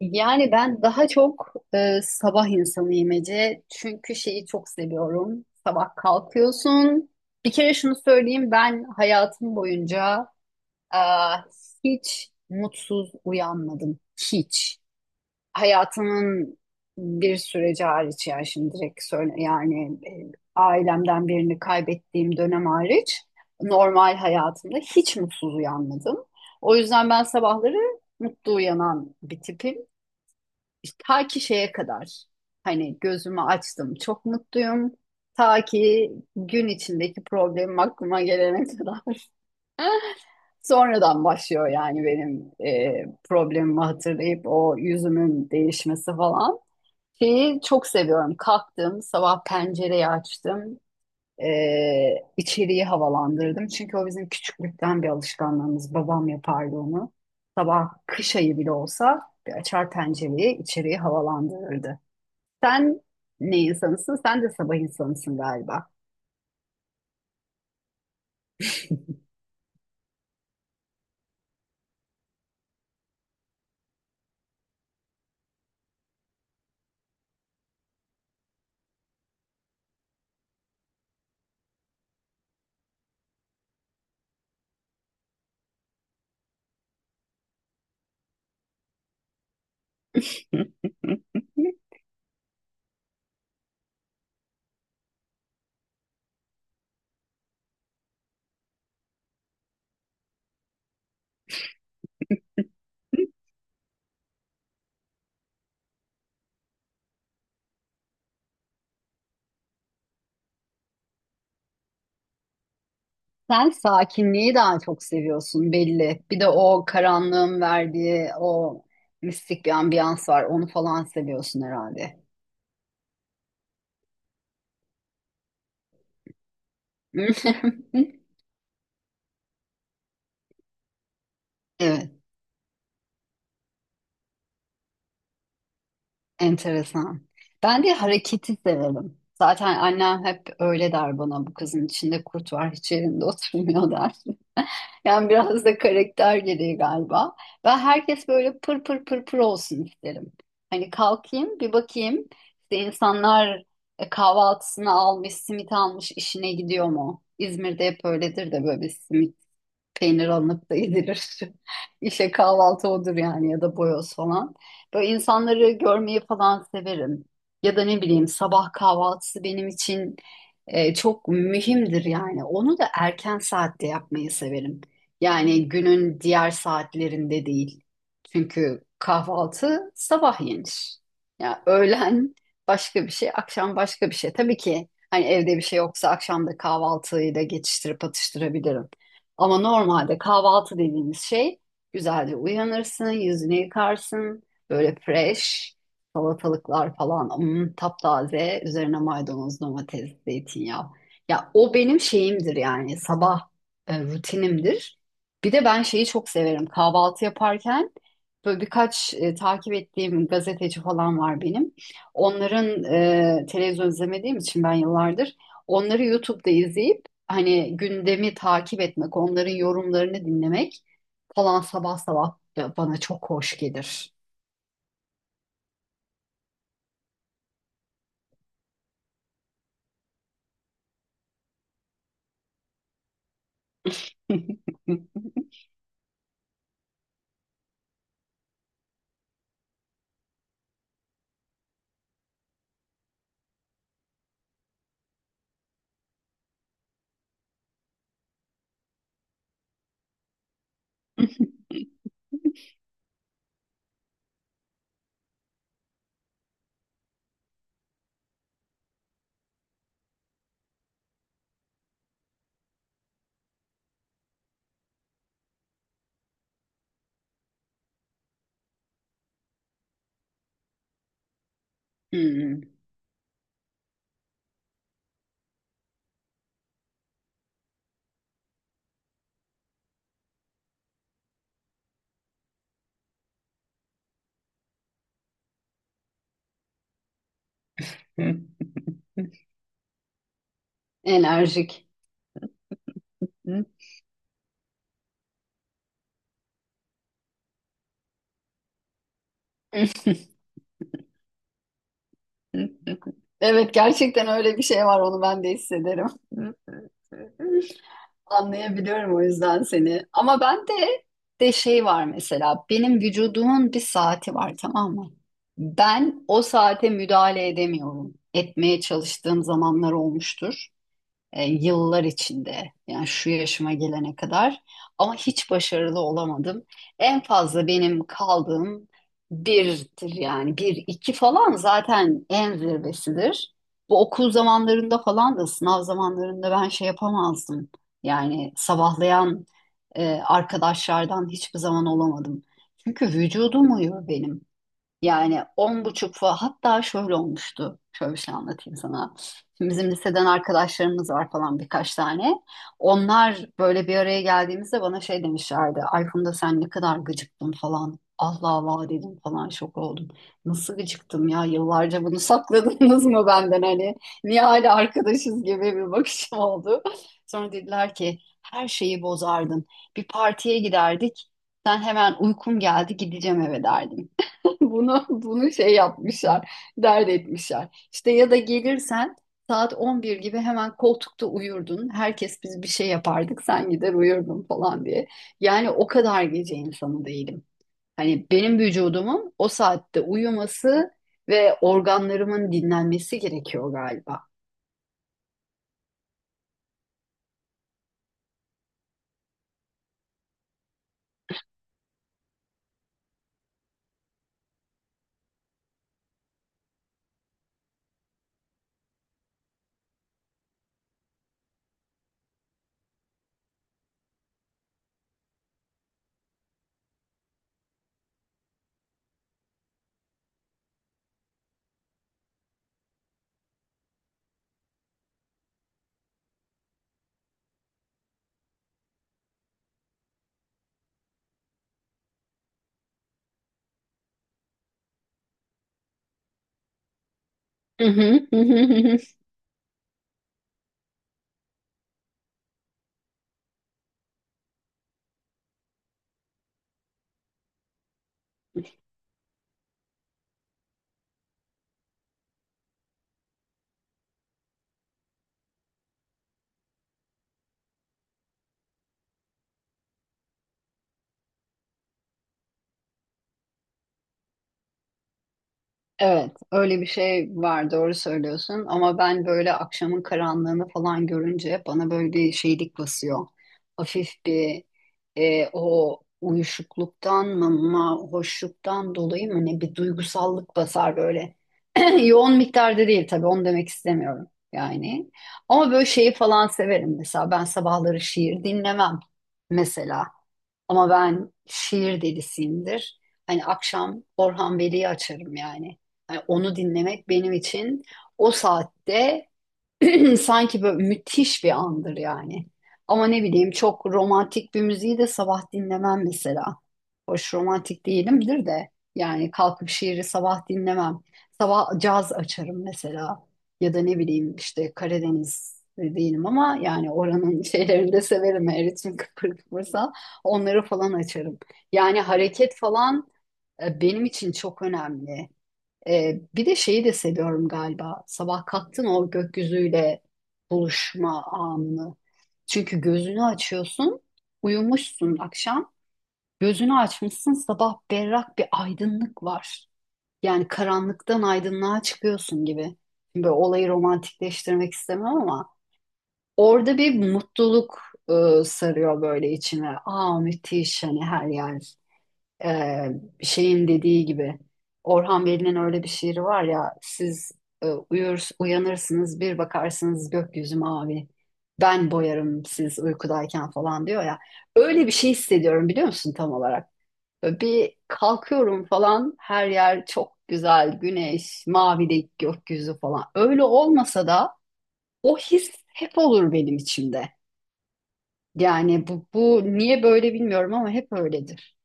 Yani ben daha çok sabah insanıyım Ece. Çünkü şeyi çok seviyorum. Sabah kalkıyorsun. Bir kere şunu söyleyeyim ben hayatım boyunca e, hiç mutsuz uyanmadım. Hiç. Hayatımın bir süreci hariç, yani şimdi direkt söyle, yani ailemden birini kaybettiğim dönem hariç normal hayatımda hiç mutsuz uyanmadım. O yüzden ben sabahları mutlu uyanan bir tipim. İşte ta ki şeye kadar, hani gözümü açtım çok mutluyum. Ta ki gün içindeki problemim aklıma gelene kadar. Sonradan başlıyor yani benim problemimi hatırlayıp o yüzümün değişmesi falan. Şeyi çok seviyorum. Kalktım, sabah pencereyi açtım. E, içeriği havalandırdım. Çünkü o bizim küçüklükten bir alışkanlığımız. Babam yapardı onu. Sabah kış ayı bile olsa bir açar pencereyi, içeriği havalandırırdı. Sen ne insanısın? Sen de sabah insanısın galiba. Sen sakinliği daha çok seviyorsun belli. Bir de o karanlığın verdiği o mistik bir ambiyans var. Onu falan seviyorsun herhalde. Evet. Enteresan. Ben de hareketi severim. Zaten annem hep öyle der bana, bu kızın içinde kurt var, hiç yerinde oturmuyor der. Yani biraz da karakter gereği galiba. Ben herkes böyle pır pır pır pır olsun isterim. Hani kalkayım bir bakayım işte insanlar kahvaltısını almış, simit almış, işine gidiyor mu? İzmir'de hep öyledir de, böyle bir simit peynir alınıp da yedilir. İşte kahvaltı odur yani, ya da boyoz falan. Böyle insanları görmeyi falan severim. Ya da ne bileyim, sabah kahvaltısı benim için çok mühimdir yani. Onu da erken saatte yapmayı severim. Yani günün diğer saatlerinde değil. Çünkü kahvaltı sabah yenir. Ya öğlen başka bir şey, akşam başka bir şey. Tabii ki hani evde bir şey yoksa akşam da kahvaltıyla geçiştirip atıştırabilirim. Ama normalde kahvaltı dediğimiz şey, güzelce uyanırsın, yüzünü yıkarsın, böyle fresh salatalıklar falan, taptaze, üzerine maydanoz, domates, zeytinyağı. Ya o benim şeyimdir yani, sabah rutinimdir. Bir de ben şeyi çok severim kahvaltı yaparken, böyle birkaç takip ettiğim gazeteci falan var benim. Onların televizyon izlemediğim için ben yıllardır onları YouTube'da izleyip hani gündemi takip etmek, onların yorumlarını dinlemek falan sabah sabah bana çok hoş gelir. Hmm. Enerjik. Evet, gerçekten öyle bir şey var, onu ben de hissederim. Anlayabiliyorum, o yüzden seni. Ama ben de şey var mesela. Benim vücudumun bir saati var, tamam mı? Ben o saate müdahale edemiyorum. Etmeye çalıştığım zamanlar olmuştur yıllar içinde, yani şu yaşıma gelene kadar, ama hiç başarılı olamadım. En fazla benim kaldığım birdir yani, bir iki falan zaten en zirvesidir. Bu okul zamanlarında falan da, sınav zamanlarında ben şey yapamazdım. Yani sabahlayan arkadaşlardan hiçbir zaman olamadım. Çünkü vücudum uyuyor benim. Yani on buçuk falan, hatta şöyle olmuştu. Şöyle bir şey anlatayım sana. Şimdi bizim liseden arkadaşlarımız var falan, birkaç tane. Onlar böyle bir araya geldiğimizde bana şey demişlerdi. Ay Funda, sen ne kadar gıcıktın falan. Allah Allah dedim falan, şok oldum. Nasıl gıcıktım ya, yıllarca bunu sakladınız mı benden hani? Niye hala arkadaşız gibi bir bakışım oldu. Sonra dediler ki her şeyi bozardın. Bir partiye giderdik. Sen hemen uykum geldi, gideceğim eve derdin. Bunu şey yapmışlar, dert etmişler. İşte ya da gelirsen saat 11 gibi hemen koltukta uyurdun. Herkes biz bir şey yapardık, sen gider uyurdun falan diye. Yani o kadar gece insanı değilim. Hani benim vücudumun o saatte uyuması ve organlarımın dinlenmesi gerekiyor galiba. Evet, öyle bir şey var, doğru söylüyorsun. Ama ben böyle akşamın karanlığını falan görünce bana böyle bir şeylik basıyor. Hafif bir o uyuşukluktan mı, hoşluktan dolayı mı ne, bir duygusallık basar böyle. Yoğun miktarda değil tabii, onu demek istemiyorum yani. Ama böyle şeyi falan severim mesela. Ben sabahları şiir dinlemem mesela. Ama ben şiir delisiyimdir. Hani akşam Orhan Veli'yi açarım yani. Hani onu dinlemek benim için o saatte. Sanki böyle müthiş bir andır yani. Ama ne bileyim, çok romantik bir müziği de sabah dinlemem mesela. Hoş romantik değilimdir de yani, kalkıp şiiri sabah dinlemem. Sabah caz açarım mesela. Ya da ne bileyim, işte Karadeniz değilim ama yani oranın şeylerini de severim. Her ritim kıpır kıpırsa onları falan açarım. Yani hareket falan benim için çok önemli. Bir de şeyi de seviyorum galiba. Sabah kalktın, o gökyüzüyle buluşma anını. Çünkü gözünü açıyorsun, uyumuşsun akşam. Gözünü açmışsın sabah, berrak bir aydınlık var. Yani karanlıktan aydınlığa çıkıyorsun gibi. Böyle olayı romantikleştirmek istemem ama orada bir mutluluk sarıyor böyle içine. Aa, müthiş, hani her yer, ee, şeyin dediği gibi, Orhan Veli'nin öyle bir şiiri var ya, siz uyur, uyanırsınız, bir bakarsınız gökyüzü mavi, ben boyarım siz uykudayken falan diyor ya. Öyle bir şey hissediyorum, biliyor musun, tam olarak. Böyle bir kalkıyorum falan, her yer çok güzel, güneş, mavi gökyüzü falan, öyle olmasa da o his hep olur benim içimde. Yani bu niye böyle bilmiyorum, ama hep öyledir.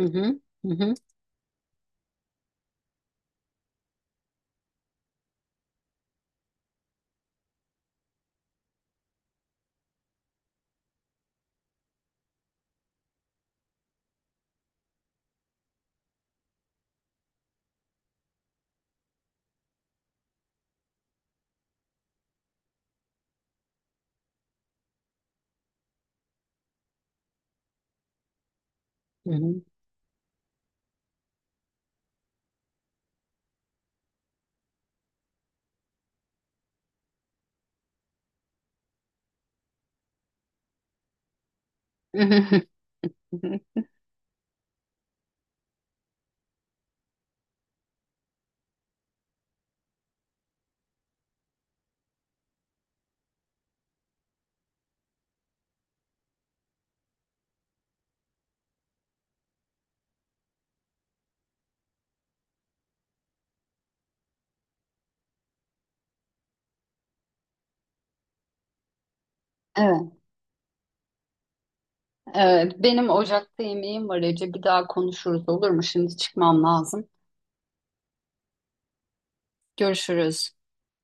Hı hı, hı hı, hı hı. Hı. Evet, evet. Benim ocakta yemeğim var Ece. Bir daha konuşuruz olur mu? Şimdi çıkmam lazım. Görüşürüz.